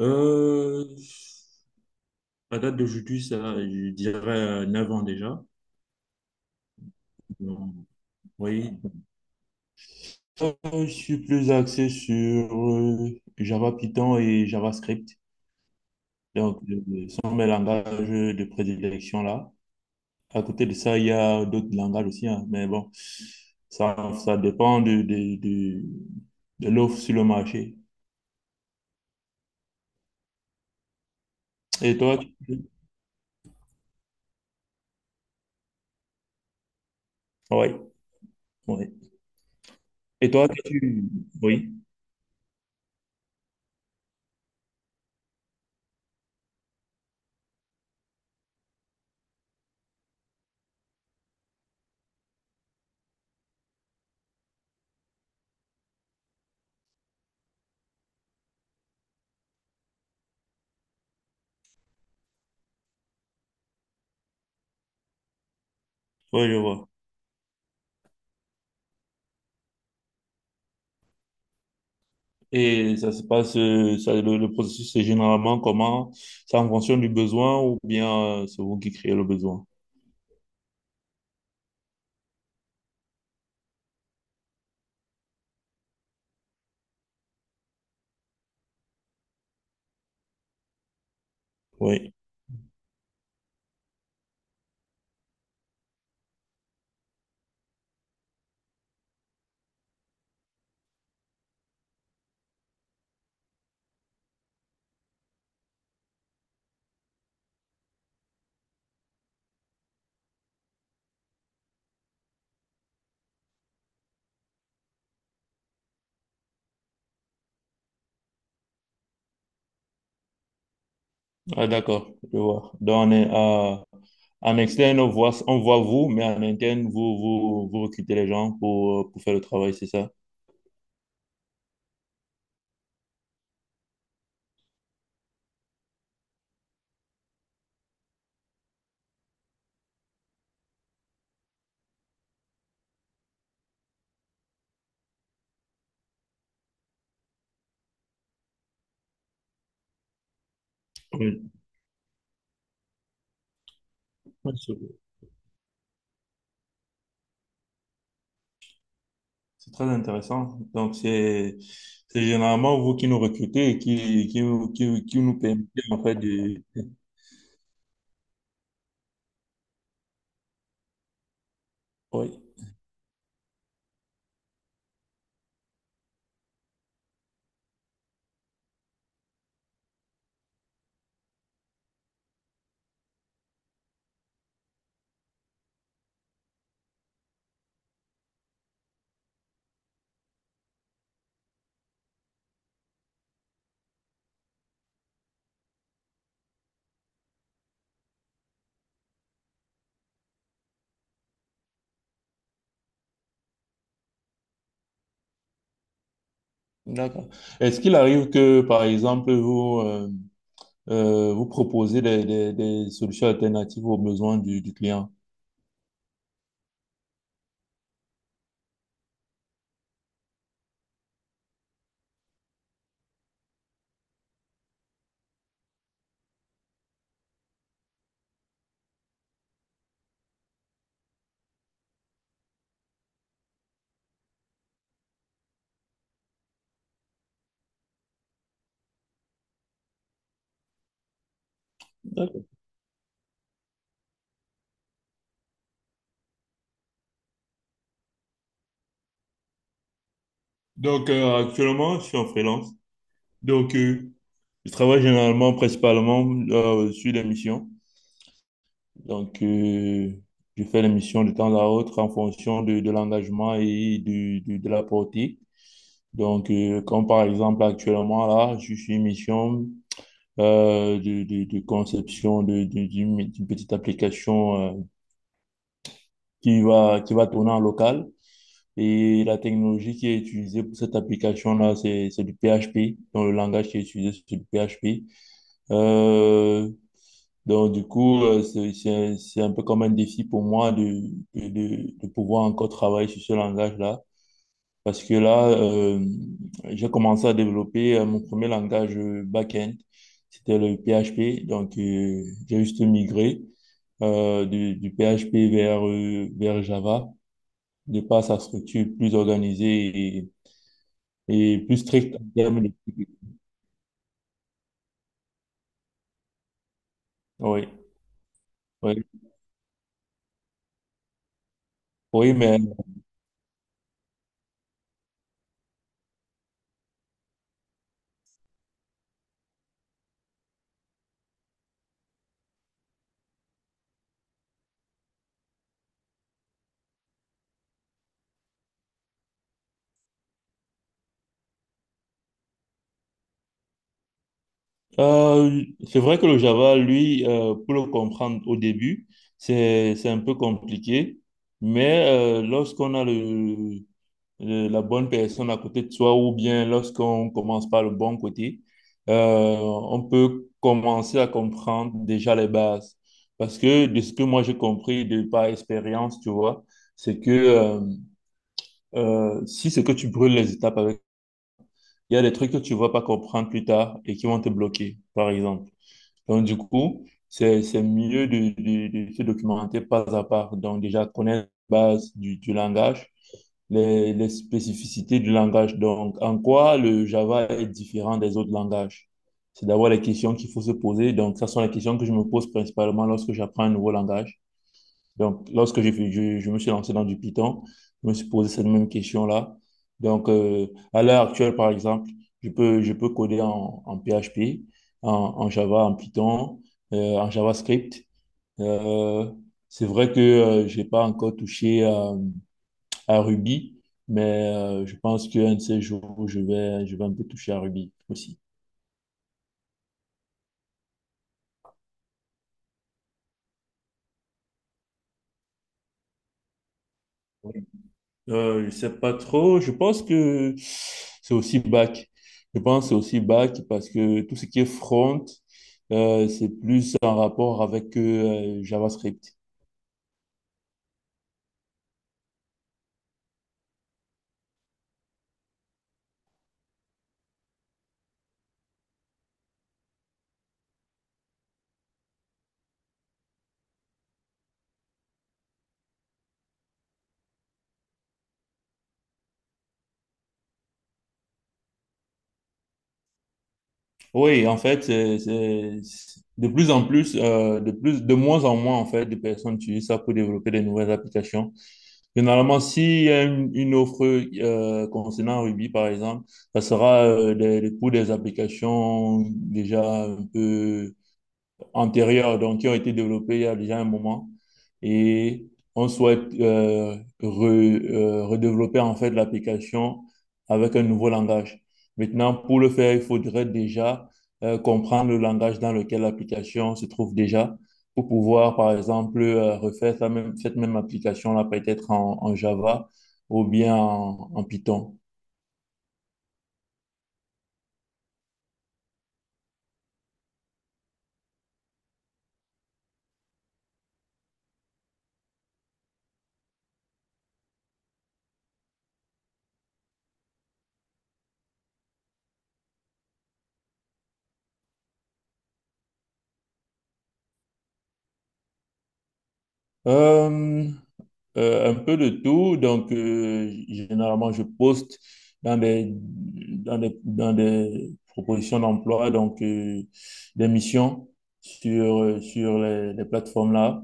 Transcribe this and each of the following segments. Euh, à date d'aujourd'hui, ça, je dirais 9 ans déjà. Donc, oui. Euh, je suis plus axé sur euh, Java Python et JavaScript. Donc, ce sont mes langages de prédilection là. À côté de ça, il y a d'autres langages aussi, hein, mais bon, ça, ça dépend de l'offre sur le marché. Et toi, tu- ouais, ouais. Et toi, tu, oui, oui, je vois. Et ça se passe, le processus, c'est généralement comment? C'est en fonction du besoin ou bien c'est vous qui créez le besoin? Oui. Ah, d'accord, je vois. En externe, on voit, vous, mais en interne, vous recrutez les gens pour faire le travail, c'est ça? Oui, c'est c'est très intéressant. Donc, c'est généralement vous qui nous recrutez et qui nous permettez, en fait, de... Oui, d'accord. Est-ce qu'il arrive que, par exemple, vous proposez des solutions alternatives aux besoins du client? D'accord. Donc, actuellement, je suis en freelance. Donc, je travaille généralement, principalement, sur les missions. Donc, je fais les missions de temps à autre en fonction de l'engagement et de la portée. Donc, comme par exemple, actuellement, là, je suis une mission euh, de conception d'une petite application qui va tourner en local. Et la technologie qui est utilisée pour cette application-là, c'est du PHP. Donc, le langage qui est utilisé, c'est du PHP. Euh, donc, du coup, c'est un peu comme un défi pour moi de pouvoir encore travailler sur ce langage-là. Parce que là, j'ai commencé à développer mon premier langage back-end. C'était le PHP. Donc, j'ai juste migré du PHP vers, vers Java, de par sa structure plus organisée et plus strict en termes de... Oui, oui, oui, mais euh, c'est vrai que le Java, lui, pour le comprendre au début, c'est un peu compliqué, mais lorsqu'on a la bonne personne à côté de soi ou bien lorsqu'on commence par le bon côté, on peut commencer à comprendre déjà les bases. Parce que de ce que moi j'ai compris de par expérience, tu vois, c'est que si c'est que tu brûles les étapes avec il y a des trucs que tu vas pas comprendre plus tard et qui vont te bloquer, par exemple. Donc, du coup, c'est mieux de se documenter pas à pas. Donc, déjà, connaître la base du langage, les spécificités du langage. Donc, en quoi le Java est différent des autres langages? C'est d'abord les questions qu'il faut se poser. Donc, ça sont les questions que je me pose principalement lorsque j'apprends un nouveau langage. Donc, lorsque je me suis lancé dans du Python, je me suis posé cette même question-là. Donc, à l'heure actuelle, par exemple, je peux coder en PHP, en Java, en Python, en JavaScript. Euh, c'est vrai que j'ai pas encore touché à Ruby, mais je pense qu'un de ces jours, je vais un peu toucher à Ruby aussi. Je sais pas trop. Je pense que c'est aussi back. Je pense que c'est aussi back parce que tout ce qui est front, c'est plus en rapport avec JavaScript. Oui, en fait, de plus en plus, de moins en moins, en fait, de personnes utilisent ça pour développer des nouvelles applications. Généralement, s'il y a une offre concernant Ruby, par exemple, ça sera pour des applications déjà un peu antérieures, donc qui ont été développées il y a déjà un moment. Et on souhaite redévelopper en fait l'application avec un nouveau langage. Maintenant, pour le faire, il faudrait déjà comprendre le langage dans lequel l'application se trouve déjà pour pouvoir, par exemple, refaire cette même application-là peut-être en, en Java ou bien en, en Python. Euh, un peu de tout. Donc, généralement, je poste dans des propositions d'emploi, donc des missions sur, les plateformes-là.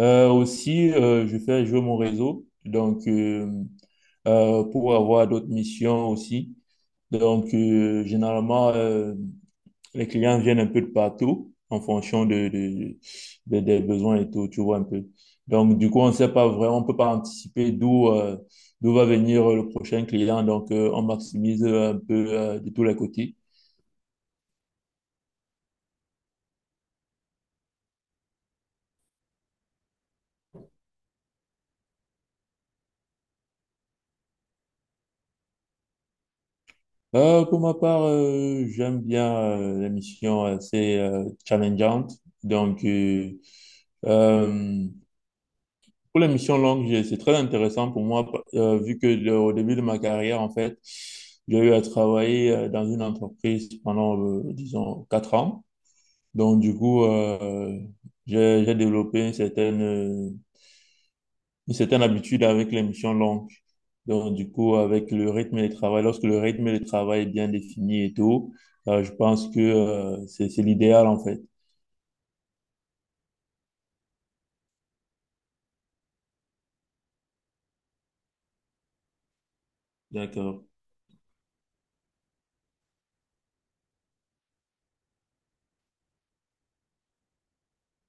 Aussi, je fais jouer mon réseau, donc pour avoir d'autres missions aussi. Donc, généralement, les clients viennent un peu de partout en fonction des besoins et tout, tu vois un peu. Donc, du coup, on ne sait pas vraiment, on ne peut pas anticiper d'où d'où va venir le prochain client. Donc, on maximise un peu de tous les côtés. Pour ma part, j'aime bien l'émission assez challengeante. Donc, euh, euh, Pour les missions longues, c'est très intéressant pour moi, vu que au début de ma carrière, en fait, j'ai eu à travailler dans une entreprise pendant, disons, 4 ans. Donc, du coup, j'ai développé une certaine habitude avec les missions longues. Donc, du coup, avec le rythme de travail, lorsque le rythme de travail est bien défini et tout, je pense que, c'est l'idéal, en fait. D'accord.